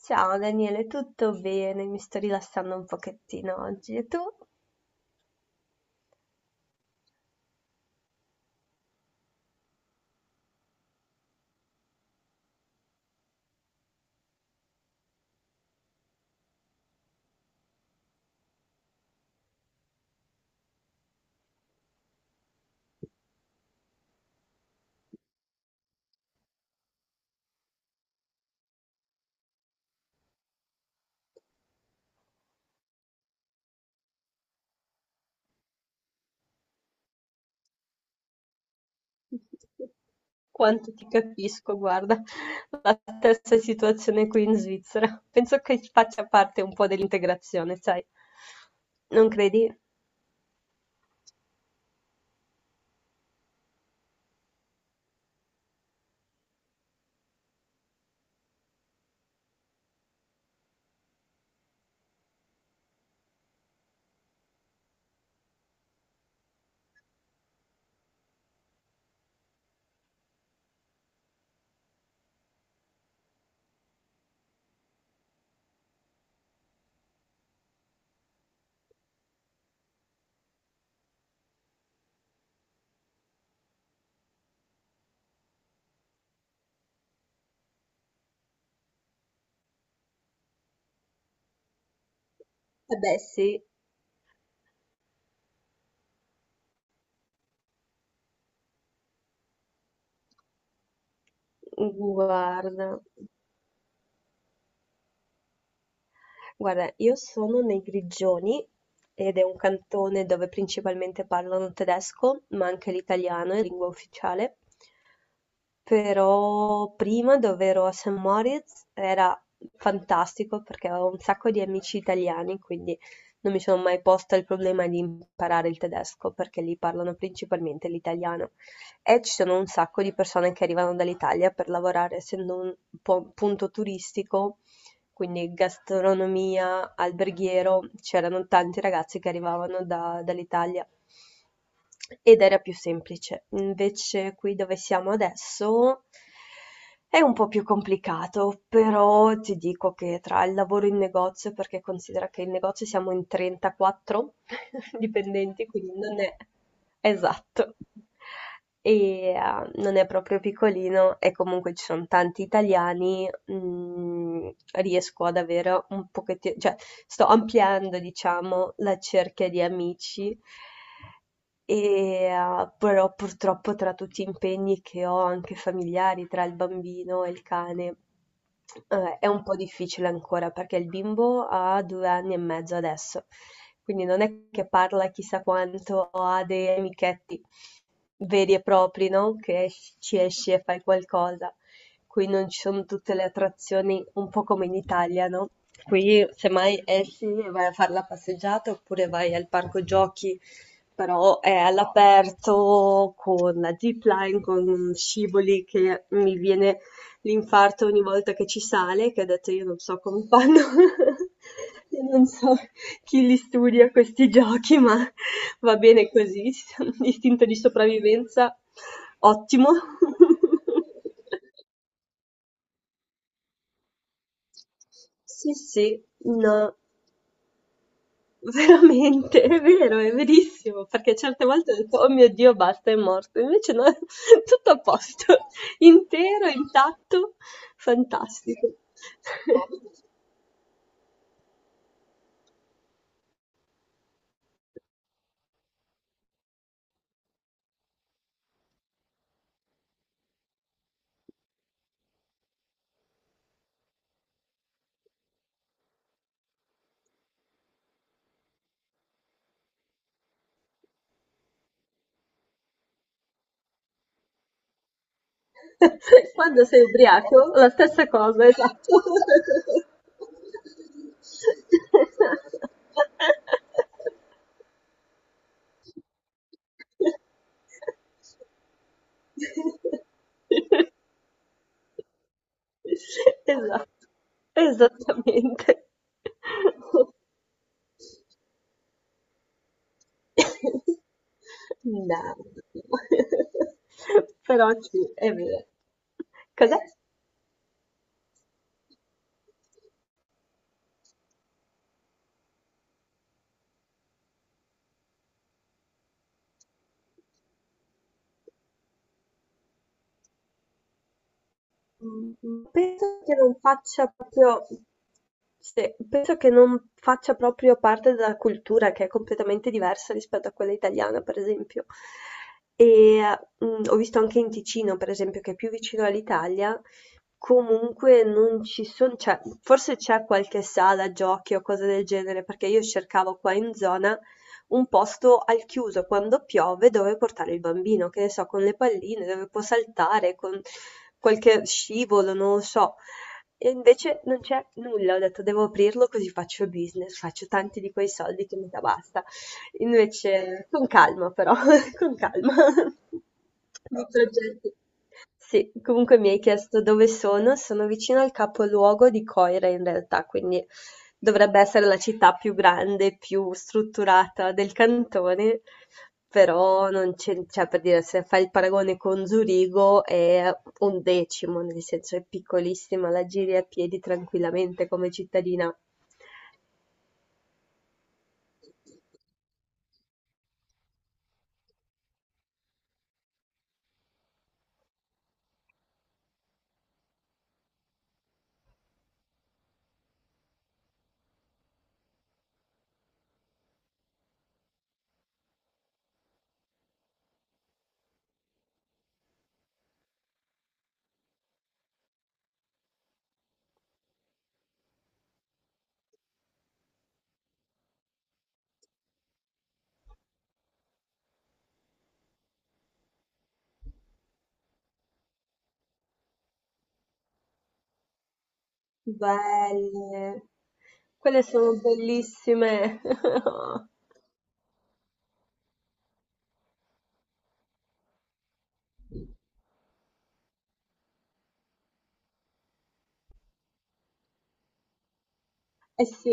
Ciao Daniele, tutto bene? Mi sto rilassando un pochettino oggi. E tu? Quanto ti capisco, guarda, la stessa situazione qui in Svizzera. Penso che faccia parte un po' dell'integrazione, sai? Non credi? Eh beh, sì, guarda. Guarda, io sono nei Grigioni ed è un cantone dove principalmente parlano tedesco, ma anche l'italiano è lingua ufficiale. Però prima dove ero a St. Moritz era fantastico perché avevo un sacco di amici italiani, quindi non mi sono mai posta il problema di imparare il tedesco perché lì parlano principalmente l'italiano. E ci sono un sacco di persone che arrivano dall'Italia per lavorare, essendo un po' un punto turistico, quindi gastronomia, alberghiero, c'erano tanti ragazzi che arrivavano dall'Italia ed era più semplice. Invece qui dove siamo adesso è un po' più complicato, però ti dico che tra il lavoro in negozio, perché considera che in negozio siamo in 34 dipendenti, quindi non è, esatto. E non è proprio piccolino e comunque ci sono tanti italiani. Riesco ad avere un pochettino, cioè, sto ampliando, diciamo, la cerchia di amici. E, però purtroppo tra tutti gli impegni che ho, anche familiari, tra il bambino e il cane, è un po' difficile ancora perché il bimbo ha 2 anni e mezzo adesso, quindi non è che parla chissà quanto o ha dei amichetti veri e propri, no, che ci esci e fai qualcosa. Qui non ci sono tutte le attrazioni, un po' come in Italia, no? Qui semmai esci e vai a fare la passeggiata oppure vai al parco giochi, però è all'aperto con la zipline, con scivoli che mi viene l'infarto ogni volta che ci sale, che ho detto io non so come fanno. Io non so chi li studia questi giochi, ma va bene così. Istinto di sopravvivenza, ottimo. Sì, sì, no, veramente, è vero, è verissimo, perché certe volte ho detto, oh mio Dio, basta, è morto, invece no, tutto a posto, intero, intatto, fantastico. Quando sei ubriaco, la stessa cosa, esatto, esatto, esattamente. No, però sì, è vero. Cos'è? Mhmm, penso che non faccia proprio, sì, penso che non faccia proprio parte della cultura, che è completamente diversa rispetto a quella italiana, per esempio. E, ho visto anche in Ticino, per esempio, che è più vicino all'Italia, comunque non ci son, cioè, forse c'è qualche sala giochi o cose del genere, perché io cercavo qua in zona un posto al chiuso quando piove dove portare il bambino, che ne so, con le palline dove può saltare, con qualche scivolo, non lo so. E invece non c'è nulla, ho detto devo aprirlo così faccio business, faccio tanti di quei soldi che mi da basta. Invece con calma però. Con calma. Di progetti. Sì, comunque mi hai chiesto dove sono. Sono vicino al capoluogo di Coira in realtà, quindi dovrebbe essere la città più grande, più strutturata del cantone, però non c'è, cioè, per dire, se fai il paragone con Zurigo è un decimo, nel senso è piccolissima, la giri a piedi tranquillamente come cittadina. Belle. Quelle sono bellissime. Essi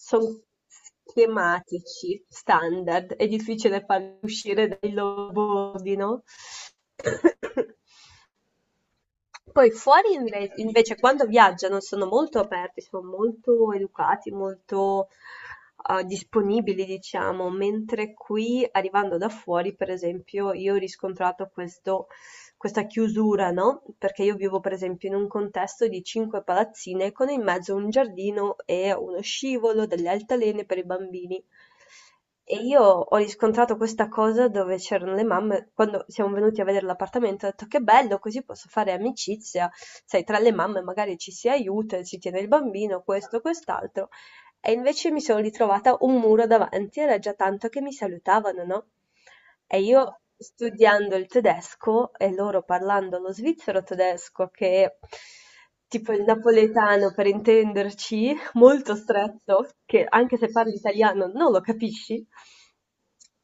son schematici, standard, è difficile farli uscire dai loro bordi, no? Poi fuori invece quando viaggiano sono molto aperti, sono molto educati, molto disponibili, diciamo, mentre qui arrivando da fuori, per esempio, io ho riscontrato questa chiusura, no? Perché io vivo, per esempio, in un contesto di cinque palazzine con in mezzo un giardino e uno scivolo, delle altalene per i bambini. E io ho riscontrato questa cosa dove c'erano le mamme, quando siamo venuti a vedere l'appartamento, ho detto che bello, così posso fare amicizia, sai, tra le mamme magari ci si aiuta, si tiene il bambino, questo, quest'altro. E invece mi sono ritrovata un muro davanti, era già tanto che mi salutavano, no? E io studiando il tedesco e loro parlando lo svizzero tedesco, che è tipo il napoletano per intenderci, molto stretto, che anche se parli italiano non lo capisci.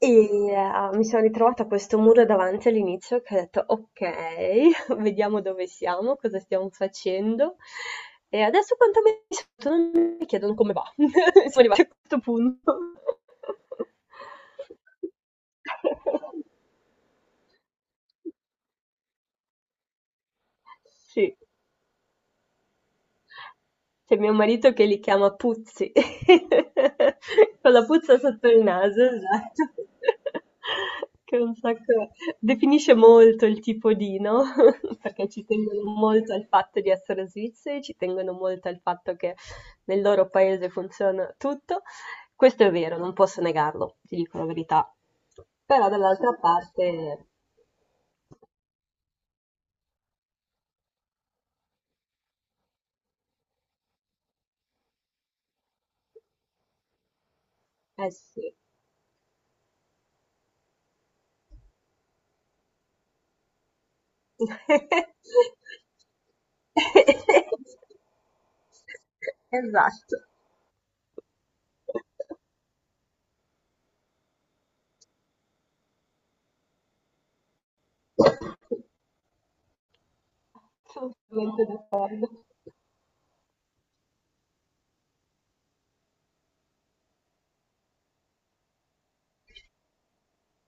E mi sono ritrovata a questo muro davanti all'inizio che ho detto, ok, vediamo dove siamo, cosa stiamo facendo. E adesso quanto mi sento, non mi chiedono come va. Siamo arrivati a questo punto. Sì. C'è mio marito che li chiama puzzi, con la puzza sotto il naso, esatto. Che è un sacco, definisce molto il tipo di, no, perché ci tengono molto al fatto di essere svizzeri, ci tengono molto al fatto che nel loro paese funziona tutto. Questo è vero, non posso negarlo, ti dico la verità. Però dall'altra parte eh sì. Esatto. Assolutamente d'accordo.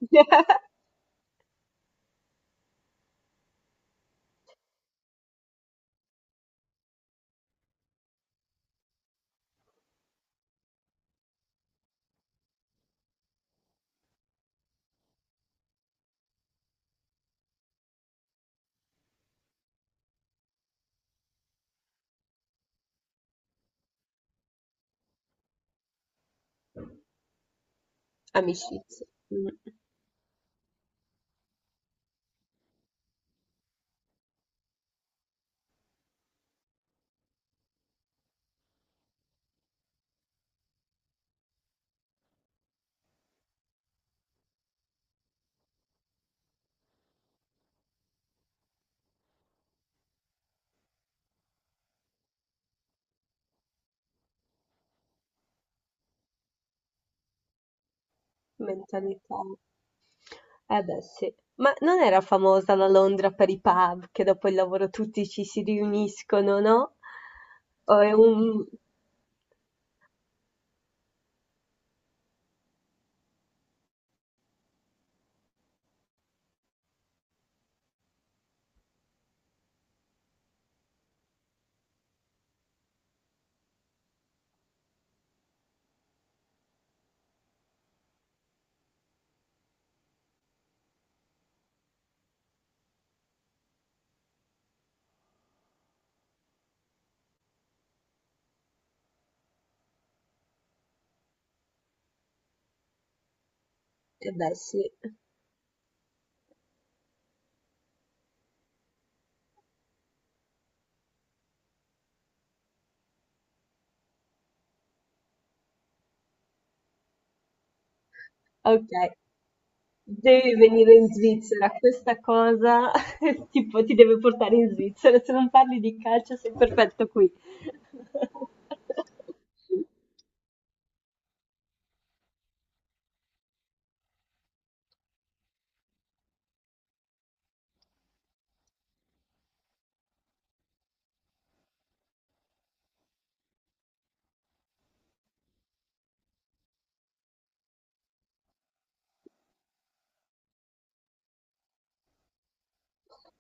Amicizia, mentalità. Eh beh, sì. Ma non era famosa la Londra per i pub, che dopo il lavoro tutti ci si riuniscono, no? O è un... Eh beh, sì. Ok, devi venire in Svizzera. Questa cosa tipo ti deve portare in Svizzera. Se non parli di calcio sei perfetto qui.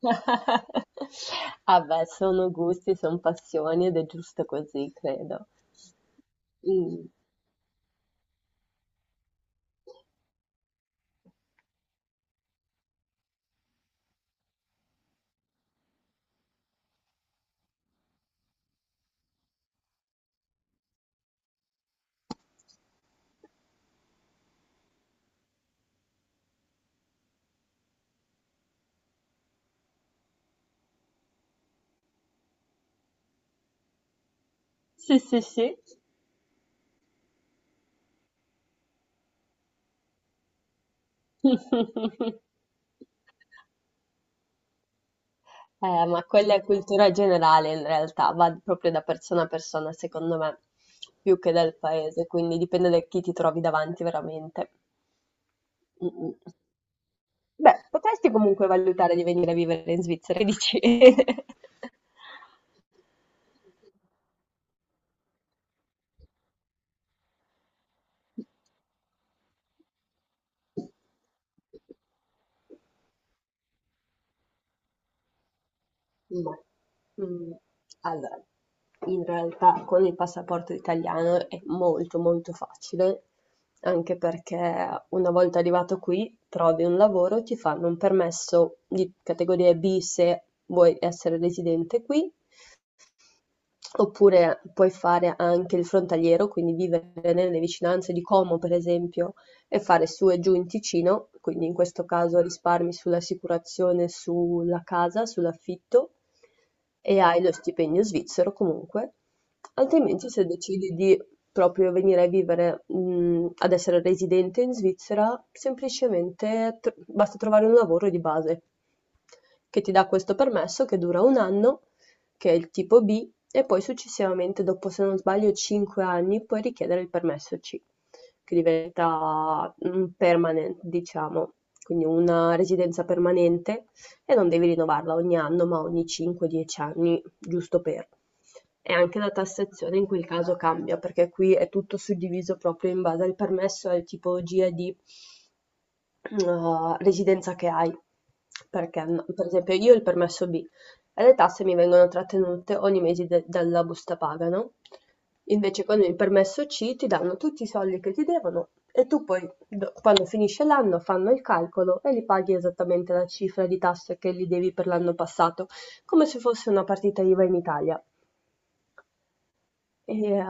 Ah beh, sono gusti, son passioni ed è giusto così, credo. Mh. Sì, sì, sì. Ma quella è cultura generale in realtà, va proprio da persona a persona, secondo me, più che dal paese, quindi dipende da chi ti trovi davanti veramente. Mh-mh. Beh, potresti comunque valutare di venire a vivere in Svizzera, che dici? Ma, mhmm, allora, in realtà con il passaporto italiano è molto molto facile, anche perché una volta arrivato qui trovi un lavoro, ti fanno un permesso di categoria B se vuoi essere residente qui. Oppure puoi fare anche il frontaliero, quindi vivere nelle vicinanze di Como, per esempio, e fare su e giù in Ticino, quindi in questo caso risparmi sull'assicurazione sulla casa, sull'affitto e hai lo stipendio svizzero comunque. Altrimenti, se decidi di proprio venire a vivere, ad essere residente in Svizzera, semplicemente basta trovare un lavoro di base che ti dà questo permesso che dura un anno, che è il tipo B, e poi successivamente dopo, se non sbaglio, 5 anni puoi richiedere il permesso C, che diventa un permanent, diciamo, quindi una residenza permanente, e non devi rinnovarla ogni anno, ma ogni 5-10 anni, giusto per. E anche la tassazione in quel caso cambia, perché qui è tutto suddiviso proprio in base al permesso, al tipo GAD residenza che hai. Perché, no, per esempio, io ho il permesso B e le tasse mi vengono trattenute ogni mese dalla busta paga, no? Invece con il permesso C ti danno tutti i soldi che ti devono e tu poi, quando finisce l'anno, fanno il calcolo e li paghi esattamente la cifra di tasse che li devi per l'anno passato, come se fosse una partita IVA in Italia. E,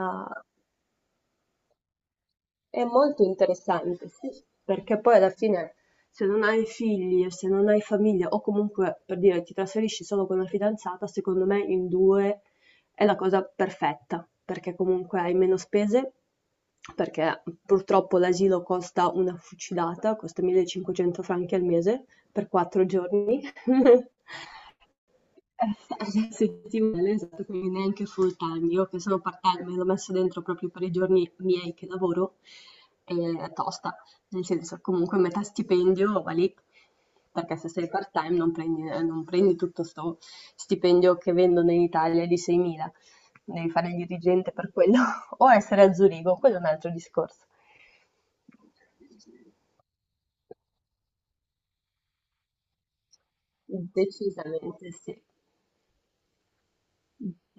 è molto interessante, sì, perché poi alla fine se non hai figli e se non hai famiglia o comunque per dire ti trasferisci solo con la fidanzata, secondo me in due è la cosa perfetta, perché comunque hai meno spese, perché purtroppo l'asilo costa una fucilata, costa 1500 franchi al mese per 4 giorni. Eh, settimanale, esatto, quindi neanche full time. Io che sono part time l'ho messo dentro proprio per i giorni miei che lavoro, e è tosta, nel senso comunque metà stipendio va lì, perché se sei part time non prendi, non prendi tutto sto stipendio che vendono in Italia di 6.000, devi fare il dirigente per quello, o essere a Zurigo, quello è un altro discorso. Decisamente sì,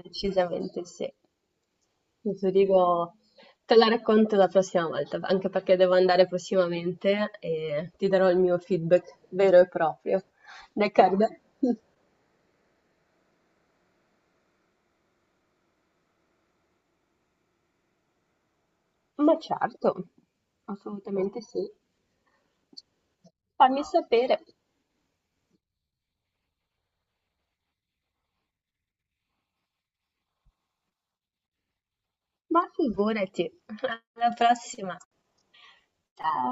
decisamente sì. Io ti dico, te la racconto la prossima volta, anche perché devo andare prossimamente e ti darò il mio feedback vero e proprio. D'accordo? Ma certo, assolutamente sì. Fammi sapere. Ma figurati. Alla prossima. Ciao.